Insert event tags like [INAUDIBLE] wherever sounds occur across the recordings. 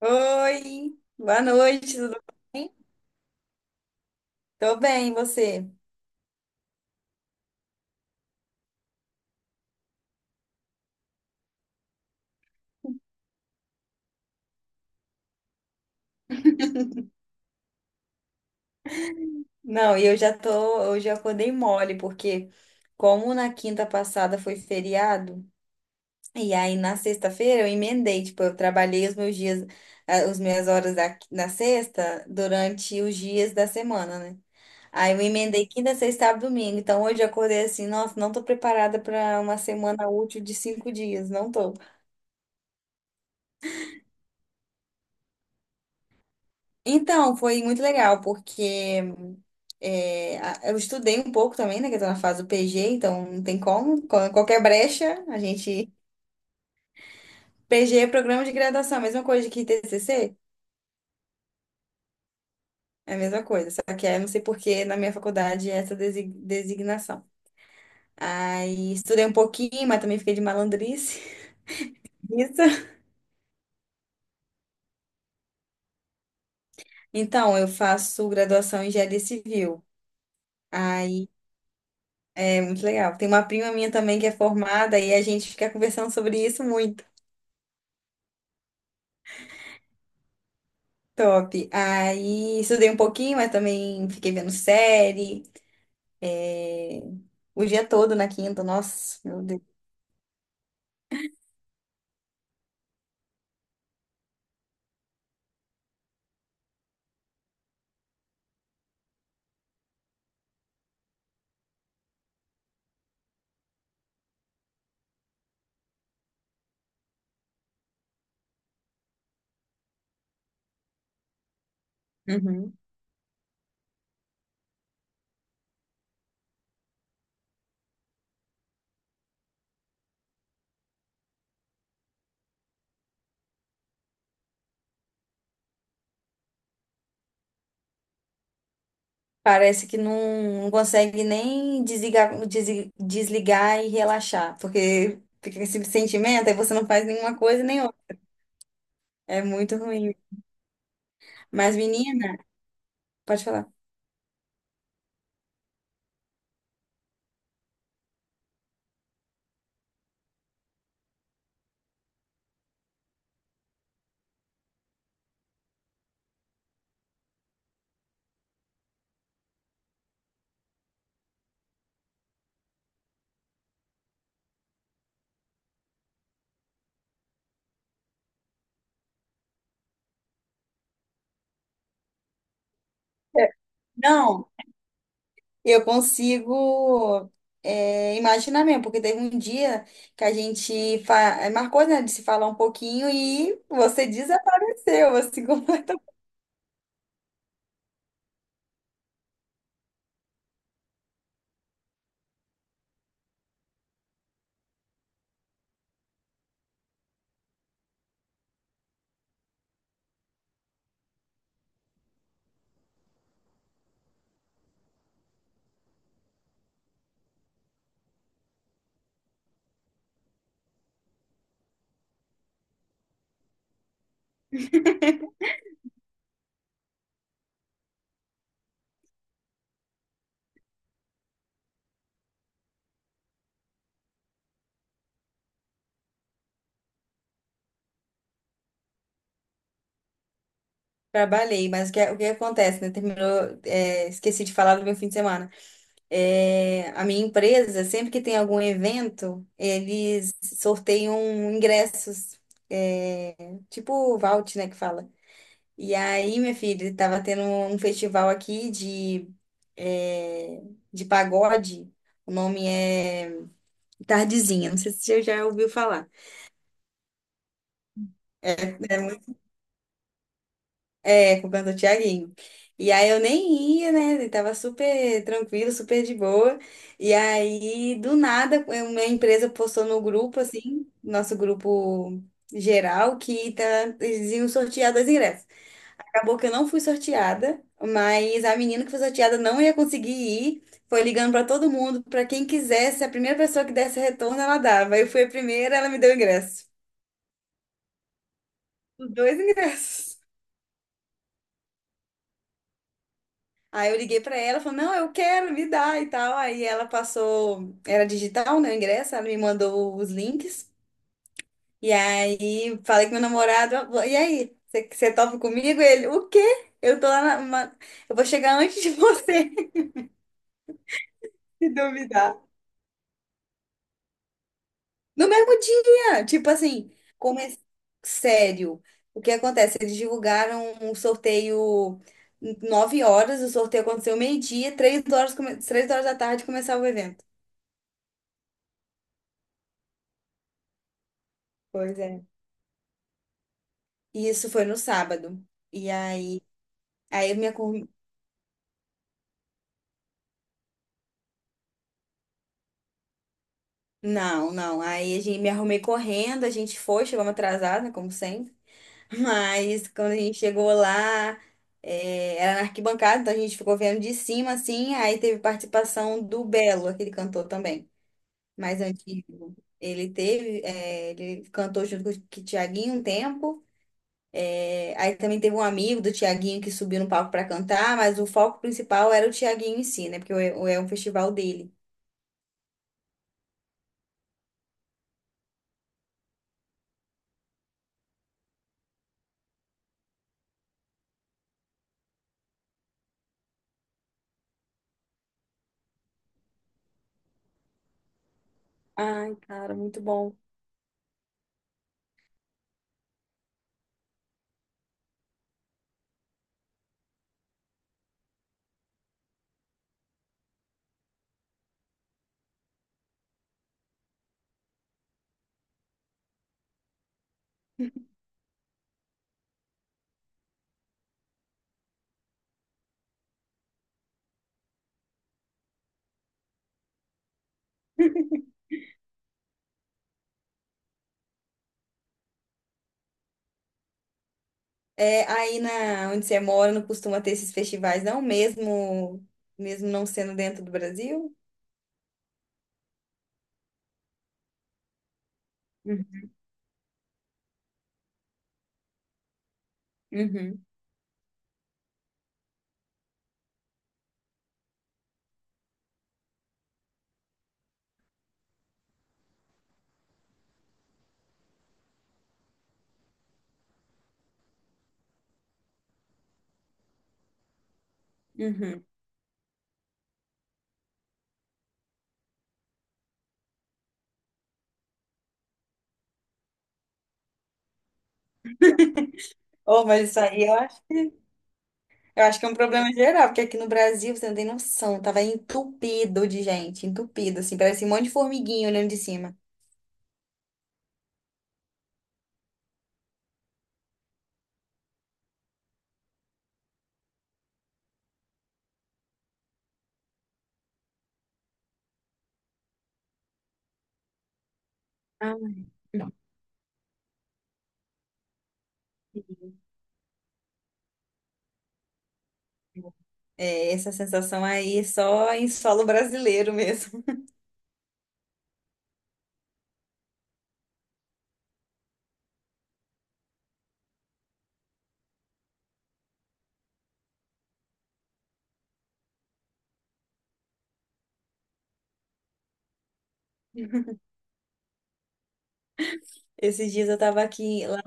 Oi, boa noite, tudo bem? Tô bem, e você? Não, e eu já acordei mole, porque como na quinta passada foi feriado, e aí na sexta-feira eu emendei, tipo, eu trabalhei os meus dias, os minhas horas na sexta durante os dias da semana, né? Aí eu emendei quinta, sexta, sábado, domingo. Então hoje eu acordei assim, nossa, não tô preparada pra uma semana útil de 5 dias, não tô. Então, foi muito legal, porque eu estudei um pouco também, né? Que eu tô na fase do PG, então não tem como. Qualquer brecha, a gente. PG é programa de graduação, a mesma coisa que TCC, é a mesma coisa. Só que aí eu não sei por que na minha faculdade é essa designação. Aí estudei um pouquinho, mas também fiquei de malandrice. [LAUGHS] Isso. Então, eu faço graduação em engenharia civil. Aí é muito legal. Tem uma prima minha também que é formada e a gente fica conversando sobre isso muito. Top. Aí estudei um pouquinho, mas também fiquei vendo série. é, O dia todo na quinta, nossa, meu Deus. Uhum. Parece que não, não consegue nem desligar, desligar e relaxar, porque fica com esse sentimento, aí você não faz nenhuma coisa nem outra. É muito ruim. Mas, menina, pode falar. É. Não. Eu consigo imaginar mesmo, porque teve um dia que a gente marcou, né, de se falar um pouquinho e você desapareceu, assim, [LAUGHS] completamente. Trabalhei, mas o que acontece, né? Terminou, esqueci de falar do meu fim de semana. É, a minha empresa, sempre que tem algum evento, eles sorteiam ingressos, é, tipo o Vault, né, que fala. E aí, minha filha, tava tendo um festival aqui eh, de pagode. O nome é Tardezinha. Não sei se você já ouviu falar. É, é, é com o cantor Thiaguinho. E aí eu nem ia, né? Eu tava super tranquilo, super de boa. E aí, do nada, a minha empresa postou no grupo, assim, nosso grupo geral, que tá, eles iam sortear dois ingressos. Acabou que eu não fui sorteada, mas a menina que foi sorteada não ia conseguir ir. Foi ligando para todo mundo, para quem quisesse, a primeira pessoa que desse retorno, ela dava. Eu fui a primeira, ela me deu o ingresso. Os dois ingressos. Aí eu liguei para ela, falou: "Não, eu quero, me dá" e tal. Aí ela passou, era digital, né, o ingresso, ela me mandou os links. E aí falei com meu namorado: "Ah, "E aí, você topa comigo?" Ele: "O quê? Eu tô lá na, uma- eu vou chegar antes de você, [LAUGHS] se duvidar." No mesmo dia, tipo assim, come... sério. O que acontece? Eles divulgaram um sorteio 9 horas, o sorteio aconteceu meio-dia, três horas da tarde começava o evento. Pois é. E isso foi no sábado. E aí. Não, não. Aí a gente me arrumei correndo, a gente foi, chegamos atrasada, como sempre. Mas quando a gente chegou lá, era na arquibancada, então a gente ficou vendo de cima, assim. Aí teve participação do Belo, aquele cantor também, mais antigo. Ele cantou junto com o Tiaguinho um tempo. Aí também teve um amigo do Tiaguinho que subiu no palco para cantar, mas o foco principal era o Tiaguinho em si, né? Porque é um festival dele. Ai, cara, muito bom. É, aí na onde você mora não costuma ter esses festivais, não, mesmo, mesmo não sendo dentro do Brasil? Uhum, uhum, uhum. Oh, mas isso aí eu acho que é um problema geral, porque aqui no Brasil, você não tem noção, tava entupido de gente, entupido, assim, parecia um monte de formiguinha olhando de cima. Ah. Não. É, essa sensação aí só em solo brasileiro mesmo. [LAUGHS] Esses dias eu tava aqui lá.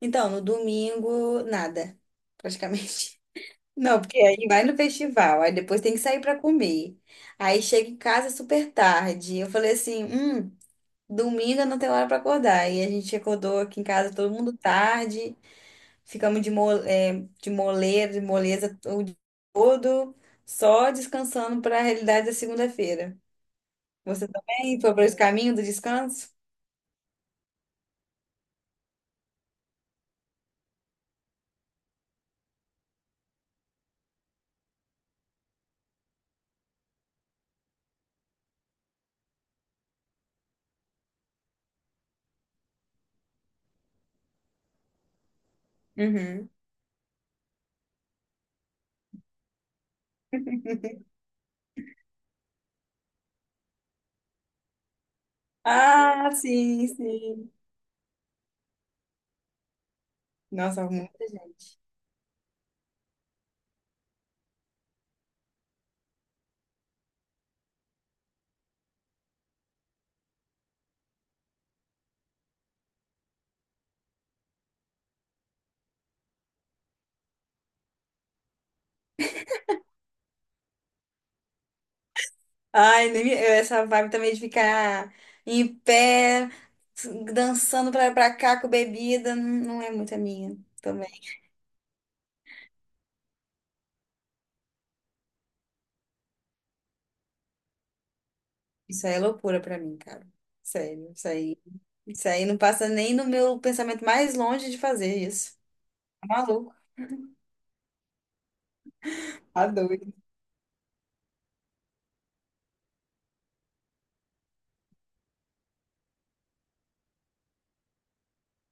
Então, no domingo, nada, praticamente. Não, porque aí vai no festival, aí depois tem que sair para comer. Aí chega em casa super tarde. Eu falei assim, domingo eu não tem hora para acordar. E a gente acordou aqui em casa todo mundo tarde, ficamos de, mo é, de moleira, de moleza o dia todo, só descansando para a realidade da segunda-feira. Você também foi para esse caminho do descanso? Uhum. Ah, sim, sim. Nossa, muita gente. Ai, nem me- eu- essa vibe também de ficar em pé, dançando pra cá com bebida, não é muito a minha também. Isso aí é loucura pra mim, cara. Sério, isso aí não passa nem no meu pensamento mais longe de fazer isso. Tá maluco. Tá doido.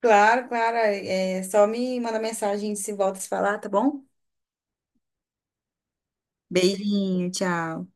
Claro, claro. É, é, só me manda mensagem se volta a se falar, tá bom? Beijinho, tchau.